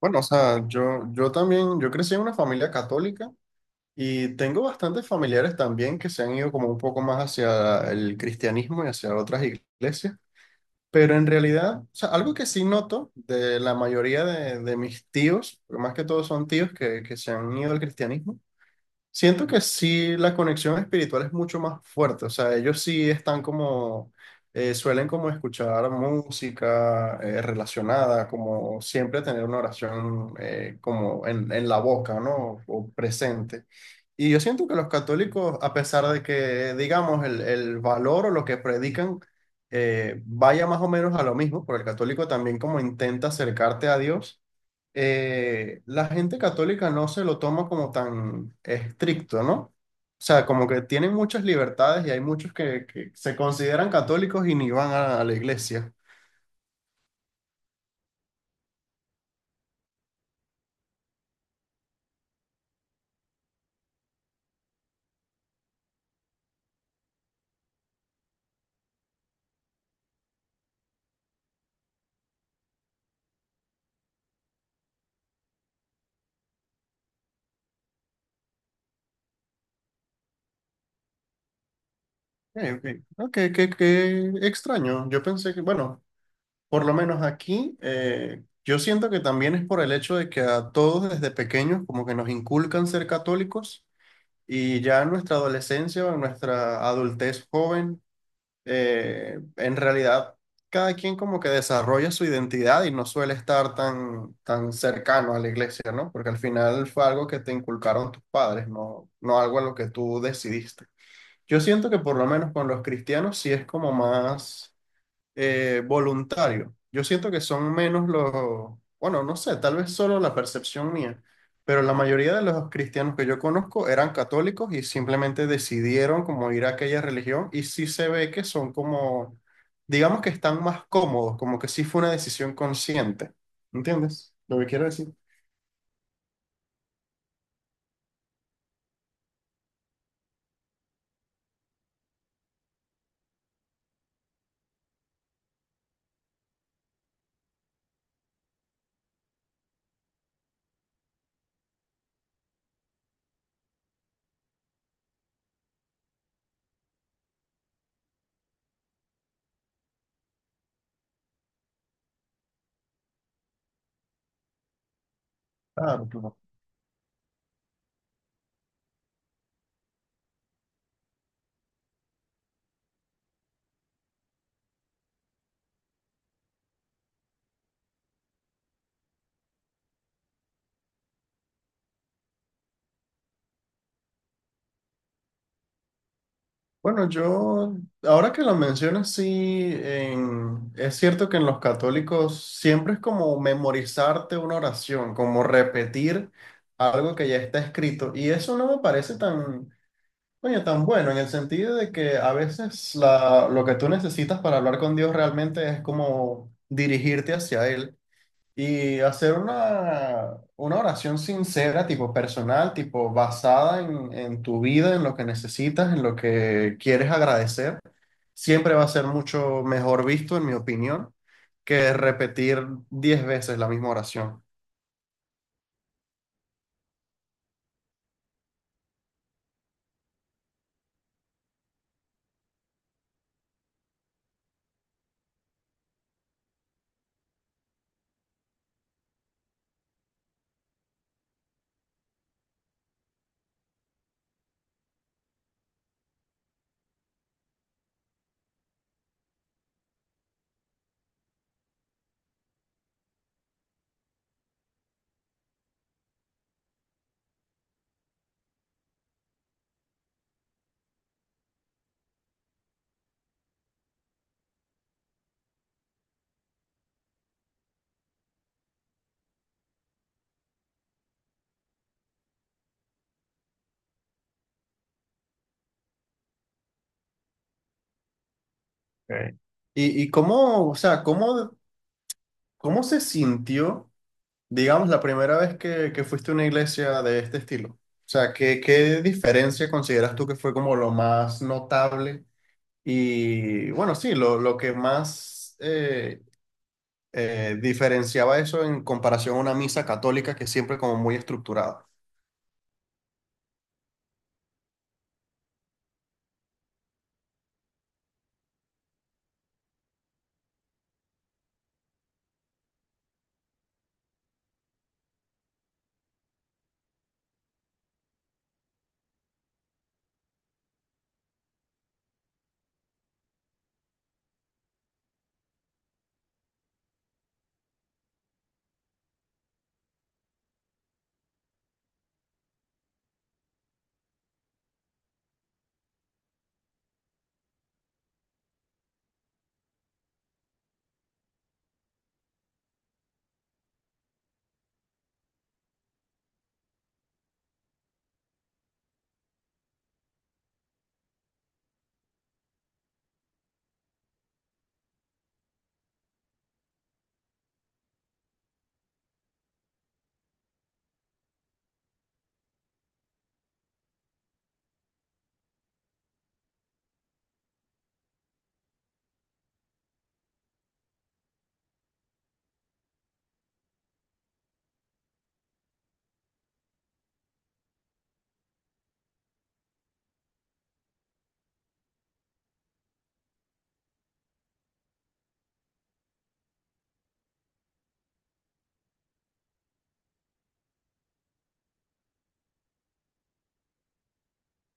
Bueno, o sea, yo también, yo crecí en una familia católica y tengo bastantes familiares también que se han ido como un poco más hacia el cristianismo y hacia otras iglesias, pero en realidad, o sea, algo que sí noto de la mayoría de, mis tíos, porque más que todos son tíos que se han ido al cristianismo. Siento que sí, la conexión espiritual es mucho más fuerte, o sea, ellos sí están como, suelen como escuchar música relacionada, como siempre tener una oración como en la boca, ¿no? O presente. Y yo siento que los católicos, a pesar de que, digamos, el valor o lo que predican vaya más o menos a lo mismo, porque el católico también como intenta acercarte a Dios, la gente católica no se lo toma como tan estricto, ¿no? O sea, como que tienen muchas libertades y hay muchos que se consideran católicos y ni van a la iglesia. Ok. No, qué, qué extraño. Yo pensé que, bueno, por lo menos aquí, yo siento que también es por el hecho de que a todos desde pequeños como que nos inculcan ser católicos, y ya en nuestra adolescencia o en nuestra adultez joven, en realidad cada quien como que desarrolla su identidad y no suele estar tan, tan cercano a la iglesia, ¿no? Porque al final fue algo que te inculcaron tus padres, no, no algo a lo que tú decidiste. Yo siento que por lo menos con los cristianos sí es como más, voluntario. Yo siento que son menos los, bueno, no sé, tal vez solo la percepción mía, pero la mayoría de los cristianos que yo conozco eran católicos y simplemente decidieron como ir a aquella religión y sí se ve que son como, digamos que están más cómodos, como que sí fue una decisión consciente. ¿Entiendes lo que quiero decir? Claro, claro. Bueno, yo, ahora que lo mencionas, sí, es cierto que en los católicos siempre es como memorizarte una oración, como repetir algo que ya está escrito. Y eso no me parece tan, coño, tan bueno, en el sentido de que a veces lo que tú necesitas para hablar con Dios realmente es como dirigirte hacia Él y hacer una oración sincera, tipo personal, tipo basada en tu vida, en lo que necesitas, en lo que quieres agradecer. Siempre va a ser mucho mejor visto, en mi opinión, que repetir 10 veces la misma oración. Ok. Y cómo, o sea, cómo, cómo se sintió, digamos, la primera vez que fuiste a una iglesia de este estilo? O sea, ¿qué, qué diferencia consideras tú que fue como lo más notable? Y bueno, sí, lo que más diferenciaba eso en comparación a una misa católica que es siempre como muy estructurada.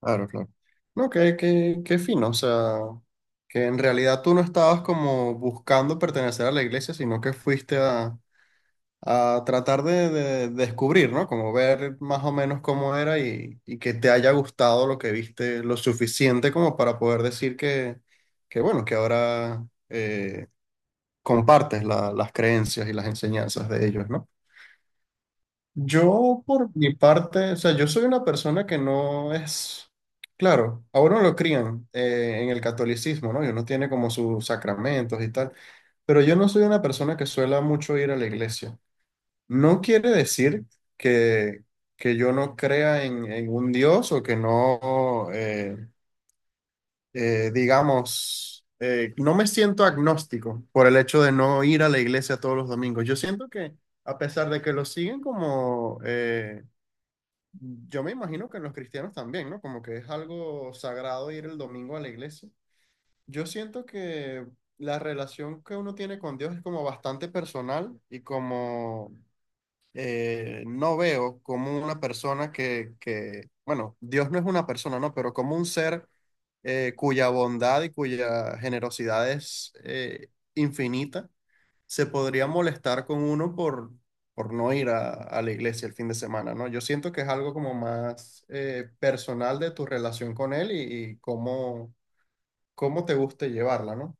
Claro, claro. No, qué, qué, qué fino, o sea, que en realidad tú no estabas como buscando pertenecer a la iglesia, sino que fuiste a tratar de descubrir, ¿no? Como ver más o menos cómo era, y que te haya gustado lo que viste lo suficiente como para poder decir que bueno, que ahora... compartes las creencias y las enseñanzas de ellos, ¿no? Yo, por mi parte, o sea, yo soy una persona que no es, claro, a uno lo crían en el catolicismo, ¿no? Y uno tiene como sus sacramentos y tal, pero yo no soy una persona que suela mucho ir a la iglesia. No quiere decir que, que yo no crea en un Dios o que no, digamos, no me siento agnóstico por el hecho de no ir a la iglesia todos los domingos. Yo siento que, a pesar de que lo siguen como, yo me imagino que los cristianos también, ¿no? Como que es algo sagrado ir el domingo a la iglesia. Yo siento que la relación que uno tiene con Dios es como bastante personal, y como no veo como una persona que, bueno, Dios no es una persona, ¿no? Pero como un ser cuya bondad y cuya generosidad es, infinita, se podría molestar con uno por no ir a la iglesia el fin de semana, ¿no? Yo siento que es algo como más personal de tu relación con él, y cómo, cómo te guste llevarla, ¿no?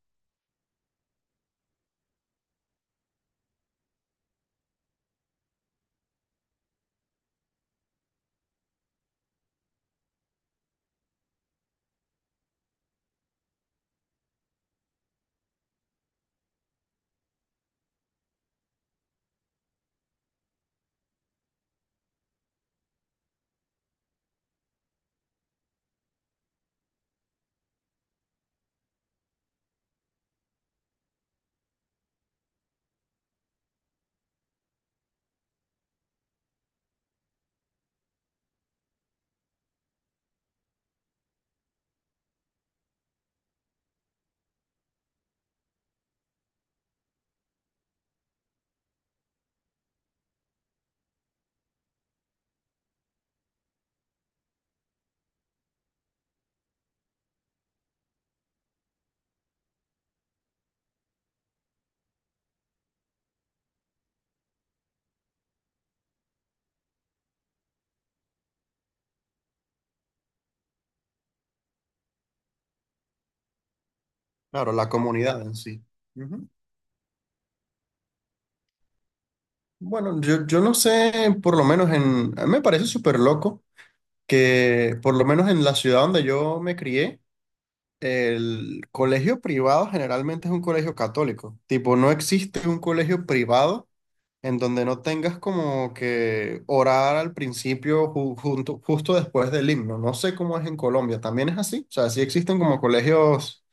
Claro, la comunidad en sí. Ujú. Bueno, yo no sé, por lo menos en, a mí me parece súper loco que por lo menos en la ciudad donde yo me crié, el colegio privado generalmente es un colegio católico. Tipo, no existe un colegio privado en donde no tengas como que orar al principio junto, justo después del himno. No sé cómo es en Colombia, también es así. O sea, sí existen como colegios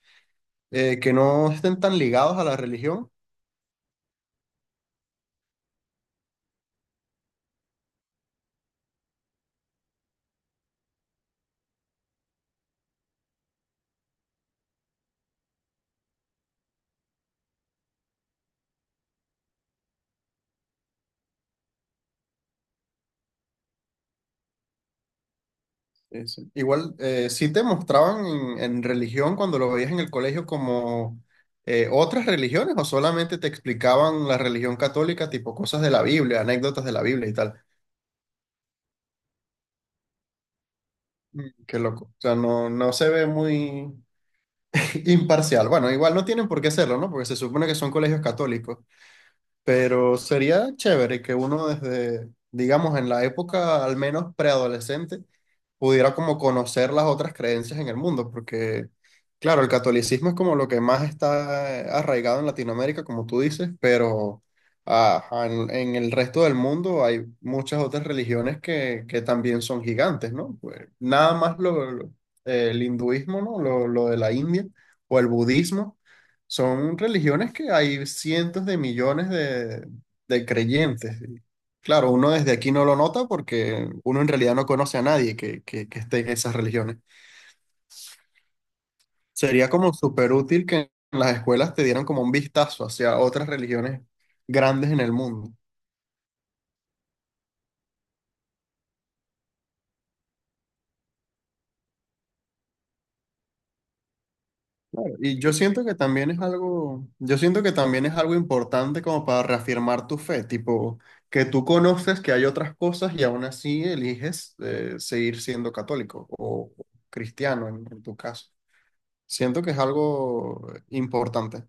que no estén tan ligados a la religión. Sí, sí. Igual, ¿sí te mostraban en religión cuando lo veías en el colegio como otras religiones, o solamente te explicaban la religión católica, tipo cosas de la Biblia, anécdotas de la Biblia y tal? Mm, qué loco. O sea, no, no se ve muy imparcial. Bueno, igual no tienen por qué hacerlo, ¿no? Porque se supone que son colegios católicos. Pero sería chévere que uno desde, digamos, en la época al menos preadolescente, pudiera como conocer las otras creencias en el mundo, porque, claro, el catolicismo es como lo que más está arraigado en Latinoamérica, como tú dices, pero ajá, en el resto del mundo hay muchas otras religiones que también son gigantes, ¿no? Pues, nada más el hinduismo, ¿no? Lo de la India, o el budismo, son religiones que hay cientos de millones de creyentes. Y claro, uno desde aquí no lo nota porque uno en realidad no conoce a nadie que, que esté en esas religiones. Sería como súper útil que en las escuelas te dieran como un vistazo hacia otras religiones grandes en el mundo. Y yo siento que también es algo, yo siento que también es algo importante como para reafirmar tu fe, tipo que tú conoces que hay otras cosas y aún así eliges seguir siendo católico o cristiano en tu caso. Siento que es algo importante.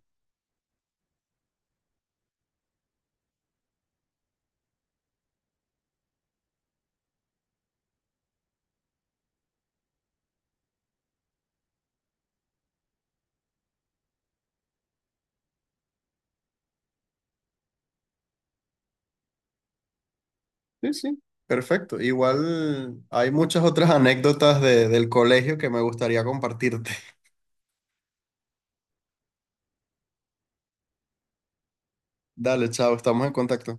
Sí, sí, perfecto. Igual hay muchas otras anécdotas del colegio que me gustaría compartirte. Dale, chao, estamos en contacto.